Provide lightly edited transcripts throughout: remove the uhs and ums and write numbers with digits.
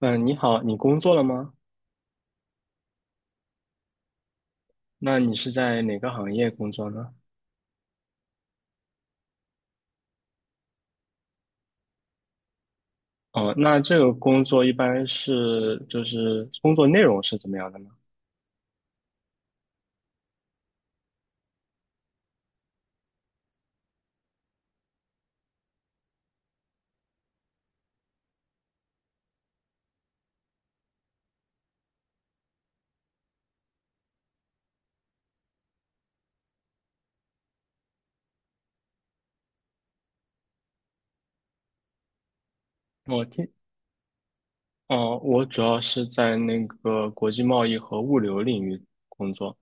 嗯，你好，你工作了吗？那你是在哪个行业工作呢？哦，那这个工作一般就是工作内容是怎么样的呢？我听，哦，我主要是在那个国际贸易和物流领域工作。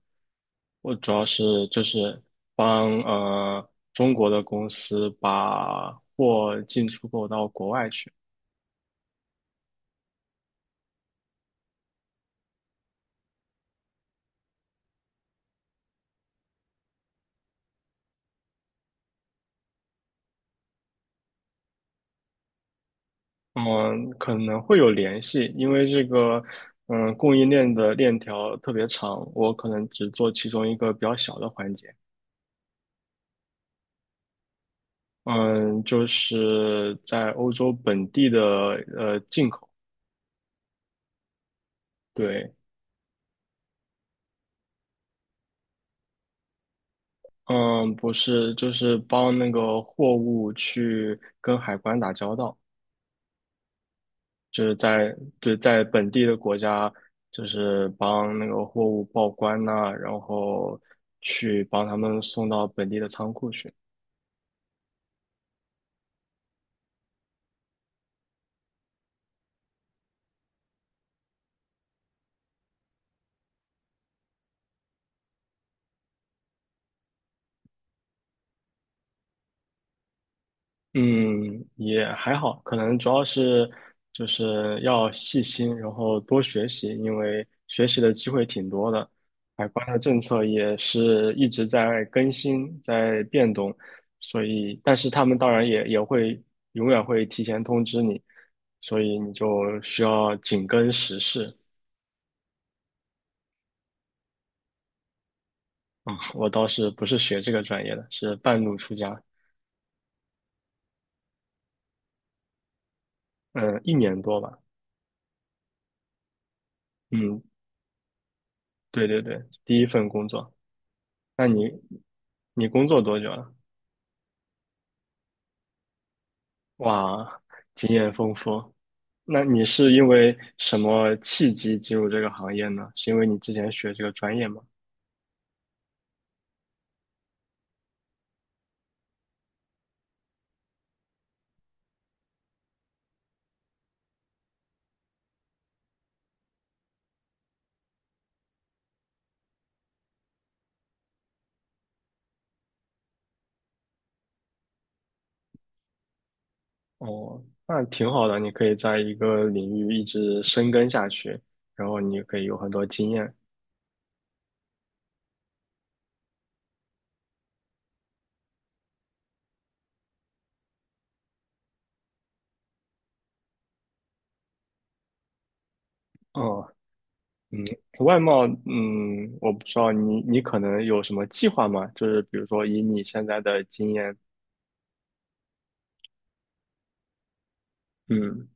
我主要就是帮中国的公司把货进出口到国外去。嗯，可能会有联系，因为这个，供应链的链条特别长，我可能只做其中一个比较小的环节。嗯，就是在欧洲本地的进口，对，嗯，不是，就是帮那个货物去跟海关打交道，就是对，在本地的国家，就是帮那个货物报关呐、然后去帮他们送到本地的仓库去。嗯，也还好，可能主要就是要细心，然后多学习，因为学习的机会挺多的。海关的政策也是一直在更新，在变动，所以，但是他们当然也会永远会提前通知你，所以你就需要紧跟时事。我倒是不是学这个专业的，是半路出家，嗯，一年多吧，嗯，对对对，第一份工作。那你工作多久了？哇，经验丰富。那你是因为什么契机进入这个行业呢？是因为你之前学这个专业吗？哦，那挺好的，你可以在一个领域一直深耕下去，然后你可以有很多经验。哦，嗯，外贸，我不知道你可能有什么计划吗？就是比如说以你现在的经验，嗯。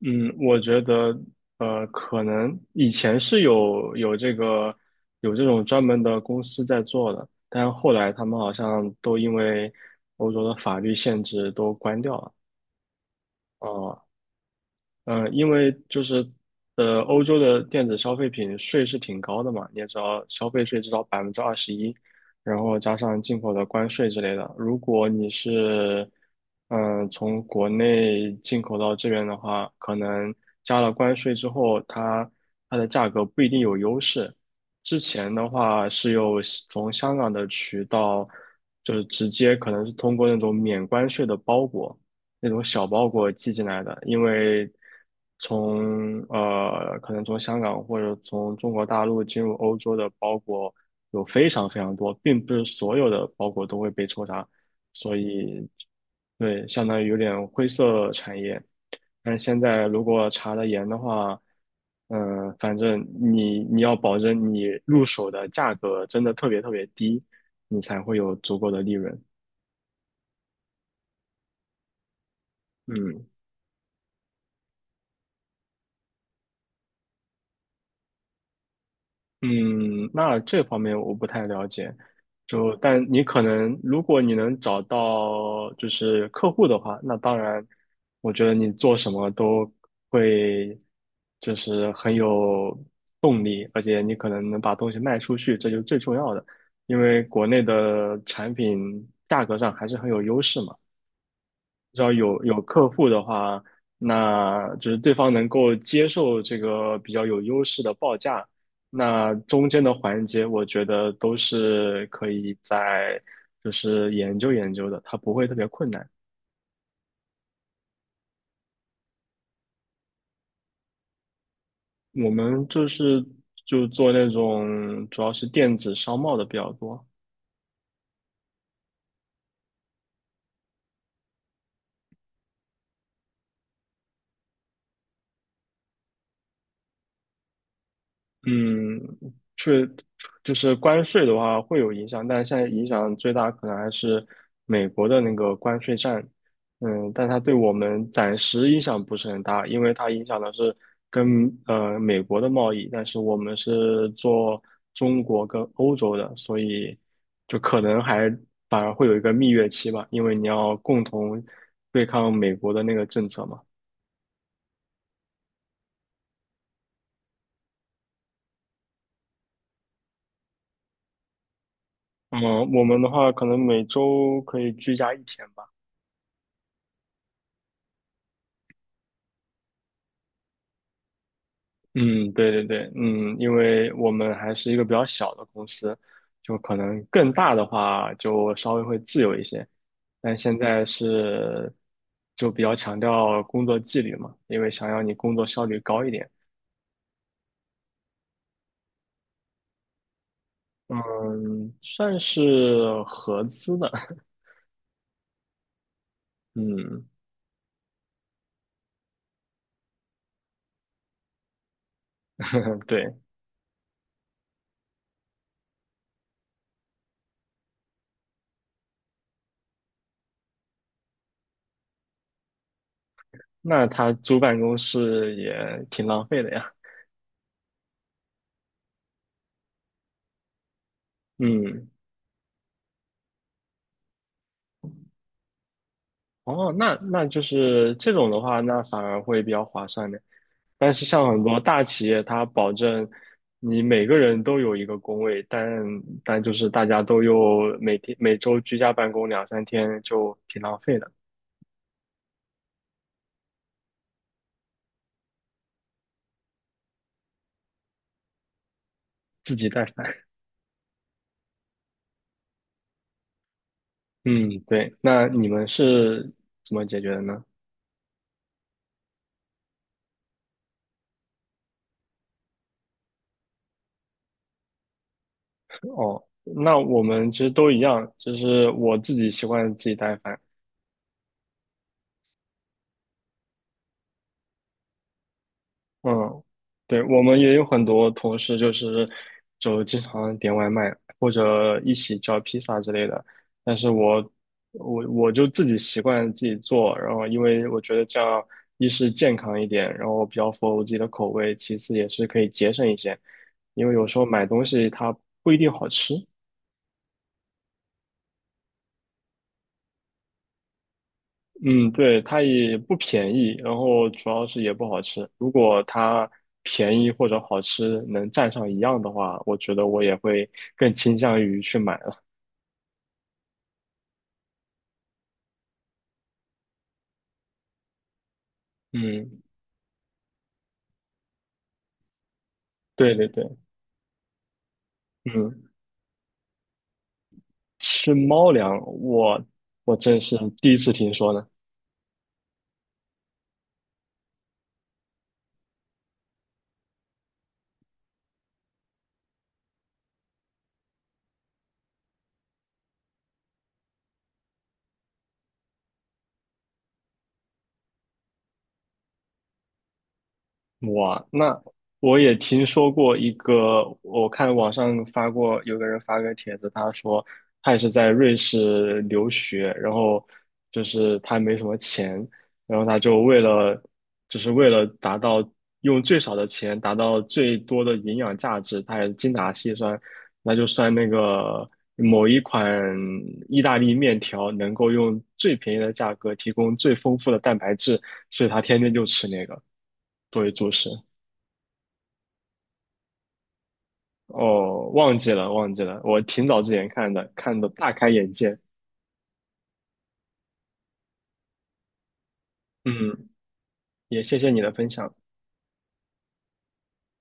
嗯，我觉得，可能以前是有这种专门的公司在做的，但是后来他们好像都因为欧洲的法律限制都关掉了。哦、嗯，因为就是欧洲的电子消费品税是挺高的嘛，你也知道，消费税至少21%，然后加上进口的关税之类的。如果你是从国内进口到这边的话，可能加了关税之后，它的价格不一定有优势。之前的话是有从香港的渠道，就是直接可能是通过那种免关税的包裹。那种小包裹寄进来的，因为从可能从香港或者从中国大陆进入欧洲的包裹有非常非常多，并不是所有的包裹都会被抽查，所以对，相当于有点灰色产业。但是现在如果查得严的话，反正你要保证你入手的价格真的特别特别低，你才会有足够的利润。嗯，嗯，那这方面我不太了解，就但你可能如果你能找到就是客户的话，那当然，我觉得你做什么都会就是很有动力，而且你可能能把东西卖出去，这就是最重要的，因为国内的产品价格上还是很有优势嘛。只要有客户的话，那就是对方能够接受这个比较有优势的报价，那中间的环节，我觉得都是可以在就是研究研究的，它不会特别困难。我们就是就做那种主要是电子商贸的比较多。嗯，确就是关税的话会有影响，但现在影响最大可能还是美国的那个关税战。但它对我们暂时影响不是很大，因为它影响的是跟美国的贸易，但是我们是做中国跟欧洲的，所以就可能还反而会有一个蜜月期吧，因为你要共同对抗美国的那个政策嘛。嗯，我们的话可能每周可以居家一天吧。嗯，对对对，因为我们还是一个比较小的公司，就可能更大的话就稍微会自由一些，但现在是就比较强调工作纪律嘛，因为想要你工作效率高一点，嗯，算是合资的，嗯，对，那他租办公室也挺浪费的呀，嗯哦，那就是这种的话，那反而会比较划算的。但是像很多大企业，它保证你每个人都有一个工位，但就是大家都又每天每周居家办公两三天，就挺浪费的，自己带饭。嗯，对。那你们是怎么解决的呢？哦，那我们其实都一样，就是我自己习惯自己带饭，嗯，对，我们也有很多同事就经常点外卖或者一起叫披萨之类的，但是我就自己习惯自己做，然后因为我觉得这样一是健康一点，然后比较符合我自己的口味，其次也是可以节省一些，因为有时候买东西它不一定好吃，嗯，对，它也不便宜，然后主要是也不好吃。如果它便宜或者好吃能占上一样的话，我觉得我也会更倾向于去买了。嗯，对对对，嗯，吃猫粮，我真是第一次听说呢。哇，那我也听说过一个，我看网上发过，有个人发个帖子，他说他也是在瑞士留学，然后就是他没什么钱，然后他就为了达到用最少的钱达到最多的营养价值，他也精打细算，那就算那个某一款意大利面条能够用最便宜的价格提供最丰富的蛋白质，所以他天天就吃那个作为主食。哦，忘记了，忘记了，我挺早之前看的，看的大开眼界。嗯，也谢谢你的分享，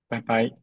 拜拜。